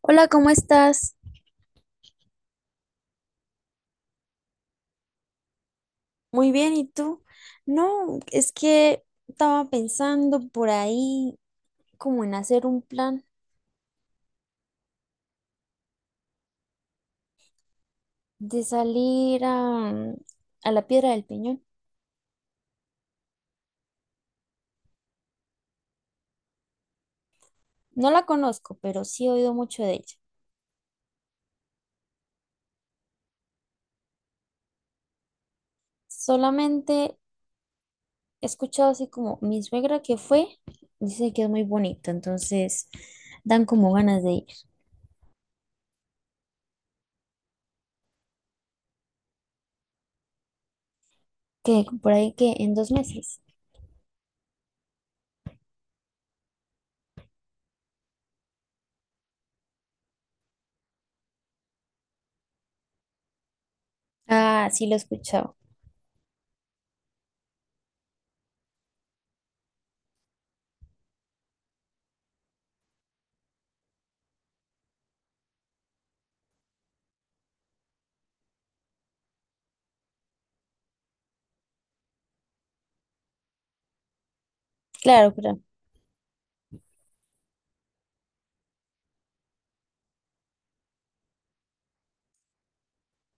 Hola, ¿cómo estás? Muy bien, ¿y tú? No, es que estaba pensando por ahí como en hacer un plan de salir a la Piedra del Peñón. No la conozco, pero sí he oído mucho de ella. Solamente he escuchado así como mi suegra que fue, dice que es muy bonito, entonces dan como ganas de ir. Que por ahí que en 2 meses. Ah, sí lo he escuchado. Claro, claro.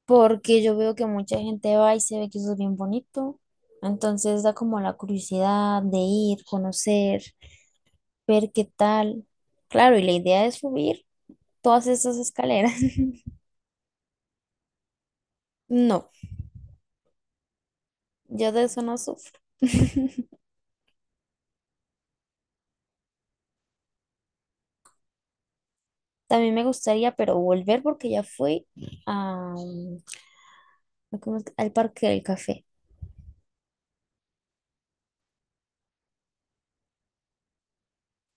Porque yo veo que mucha gente va y se ve que eso es bien bonito. Entonces da como la curiosidad de ir, conocer, ver qué tal. Claro, y la idea es subir todas esas escaleras. No, yo de eso no sufro. También me gustaría, pero volver porque ya fui a, ¿cómo es que? Al Parque del Café.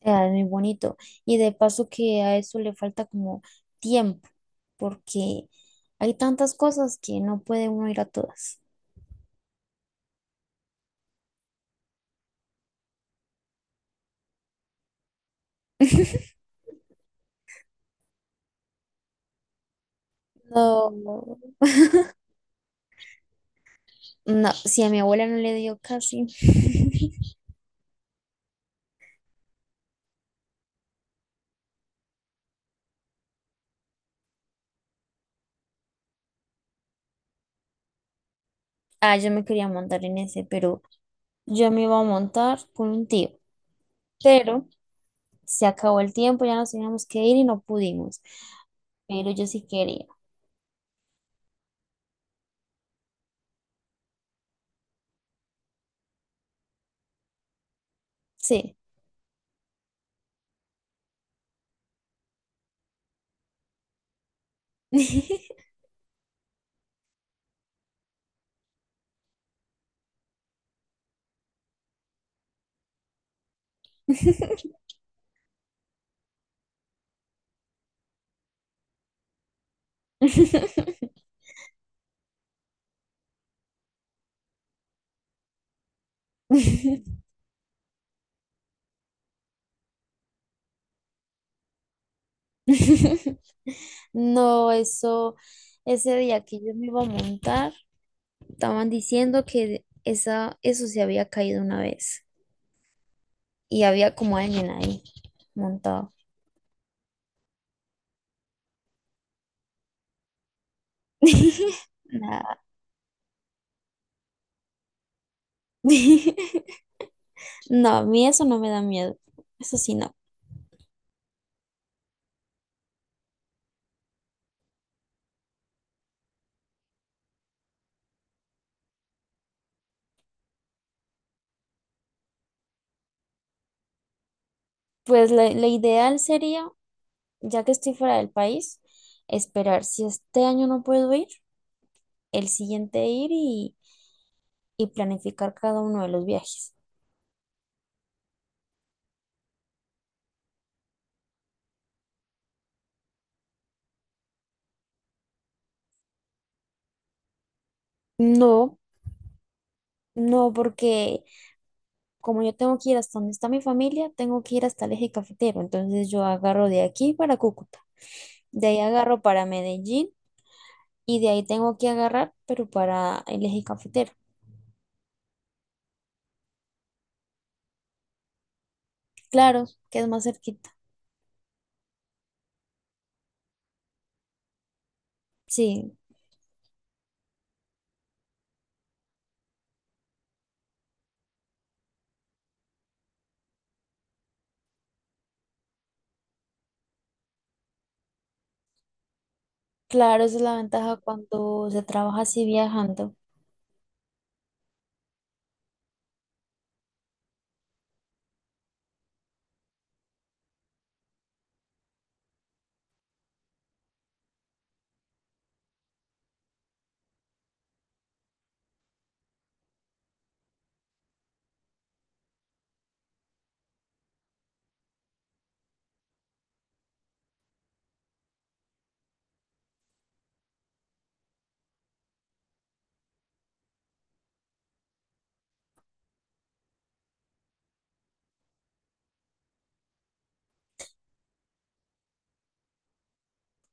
Ah, es muy bonito. Y de paso que a eso le falta como tiempo, porque hay tantas cosas que no puede uno ir a todas. No, no, si a mi abuela no le dio casi. Ah, yo me quería montar en ese, pero yo me iba a montar con un tío. Pero se acabó el tiempo, ya nos teníamos que ir y no pudimos. Pero yo sí quería. Sí. No, eso, ese día que yo me iba a montar, estaban diciendo que eso se había caído 1 vez y había como alguien ahí montado. Nada. No, a mí eso no me da miedo. Eso sí, no. Pues la ideal sería, ya que estoy fuera del país, esperar si este año no puedo ir, el siguiente ir y planificar cada uno de los viajes. No, no, porque como yo tengo que ir hasta donde está mi familia, tengo que ir hasta el eje cafetero. Entonces yo agarro de aquí para Cúcuta, de ahí agarro para Medellín y de ahí tengo que agarrar, pero para el eje cafetero. Claro, que es más cerquita. Sí, claro, esa es la ventaja cuando se trabaja así viajando.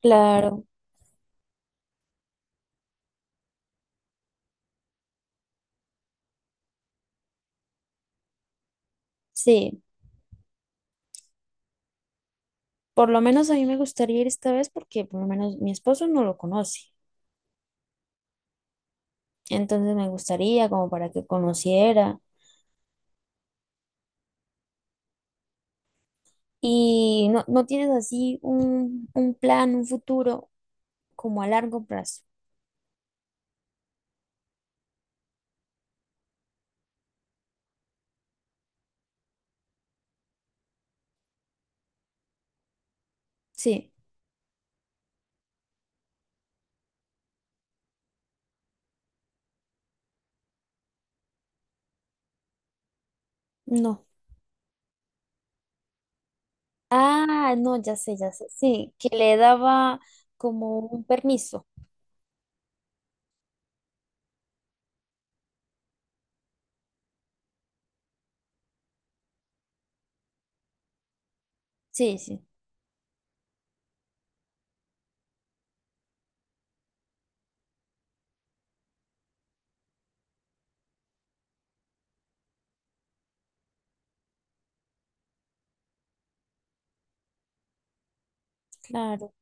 Claro, sí. Por lo menos a mí me gustaría ir esta vez porque por lo menos mi esposo no lo conoce. Entonces me gustaría como para que conociera. Y no, no tienes así un plan, un futuro como a largo plazo. Sí, no. Ah, no, ya sé, ya sé. Sí, que le daba como un permiso. Sí, sí, claro,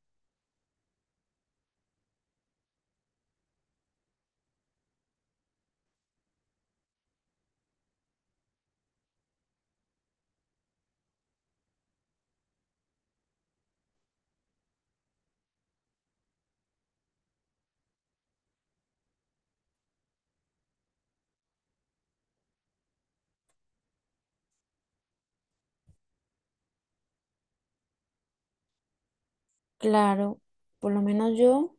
claro. Por lo menos yo.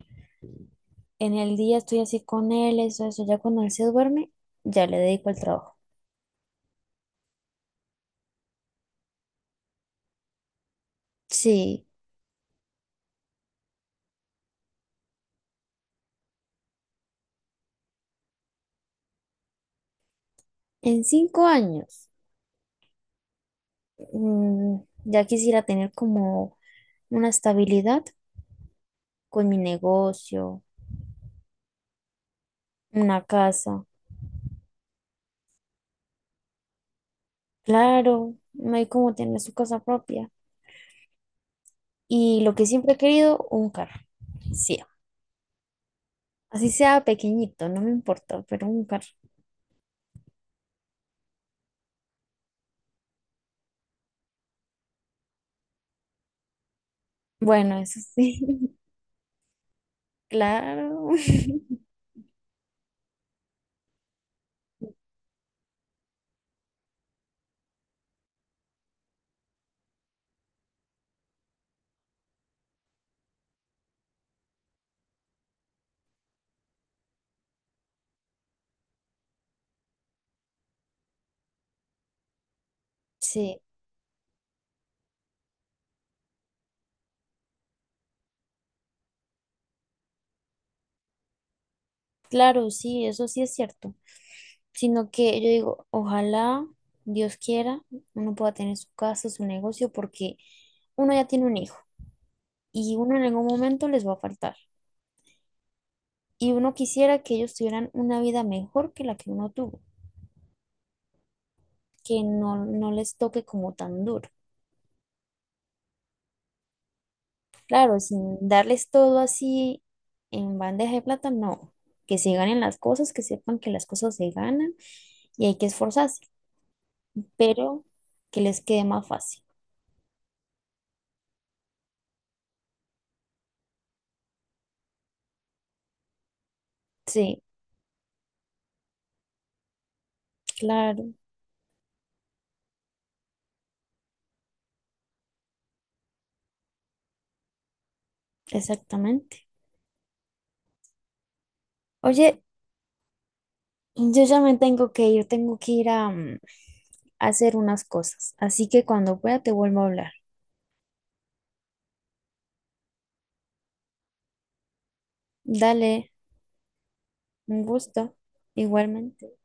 En el día estoy así con él, eso, eso. Ya cuando él se duerme, ya le dedico el trabajo. Sí, en 5 años, mm, ya quisiera tener como una estabilidad con mi negocio, una casa. Claro, no hay como tener su casa propia. Y lo que siempre he querido, un carro. Sí, así sea pequeñito, no me importa, pero un carro. Bueno, eso sí, claro. Sí. Claro, sí, eso sí es cierto. Sino que yo digo, ojalá Dios quiera, uno pueda tener su casa, su negocio, porque uno ya tiene un hijo y uno en algún momento les va a faltar. Y uno quisiera que ellos tuvieran una vida mejor que la que uno tuvo, que no, no les toque como tan duro. Claro, sin darles todo así en bandeja de plata, no. Que se ganen las cosas, que sepan que las cosas se ganan y hay que esforzarse, pero que les quede más fácil. Sí. Claro, exactamente. Oye, yo ya me tengo que ir a, a hacer unas cosas, así que cuando pueda te vuelvo a hablar. Dale, un gusto, igualmente.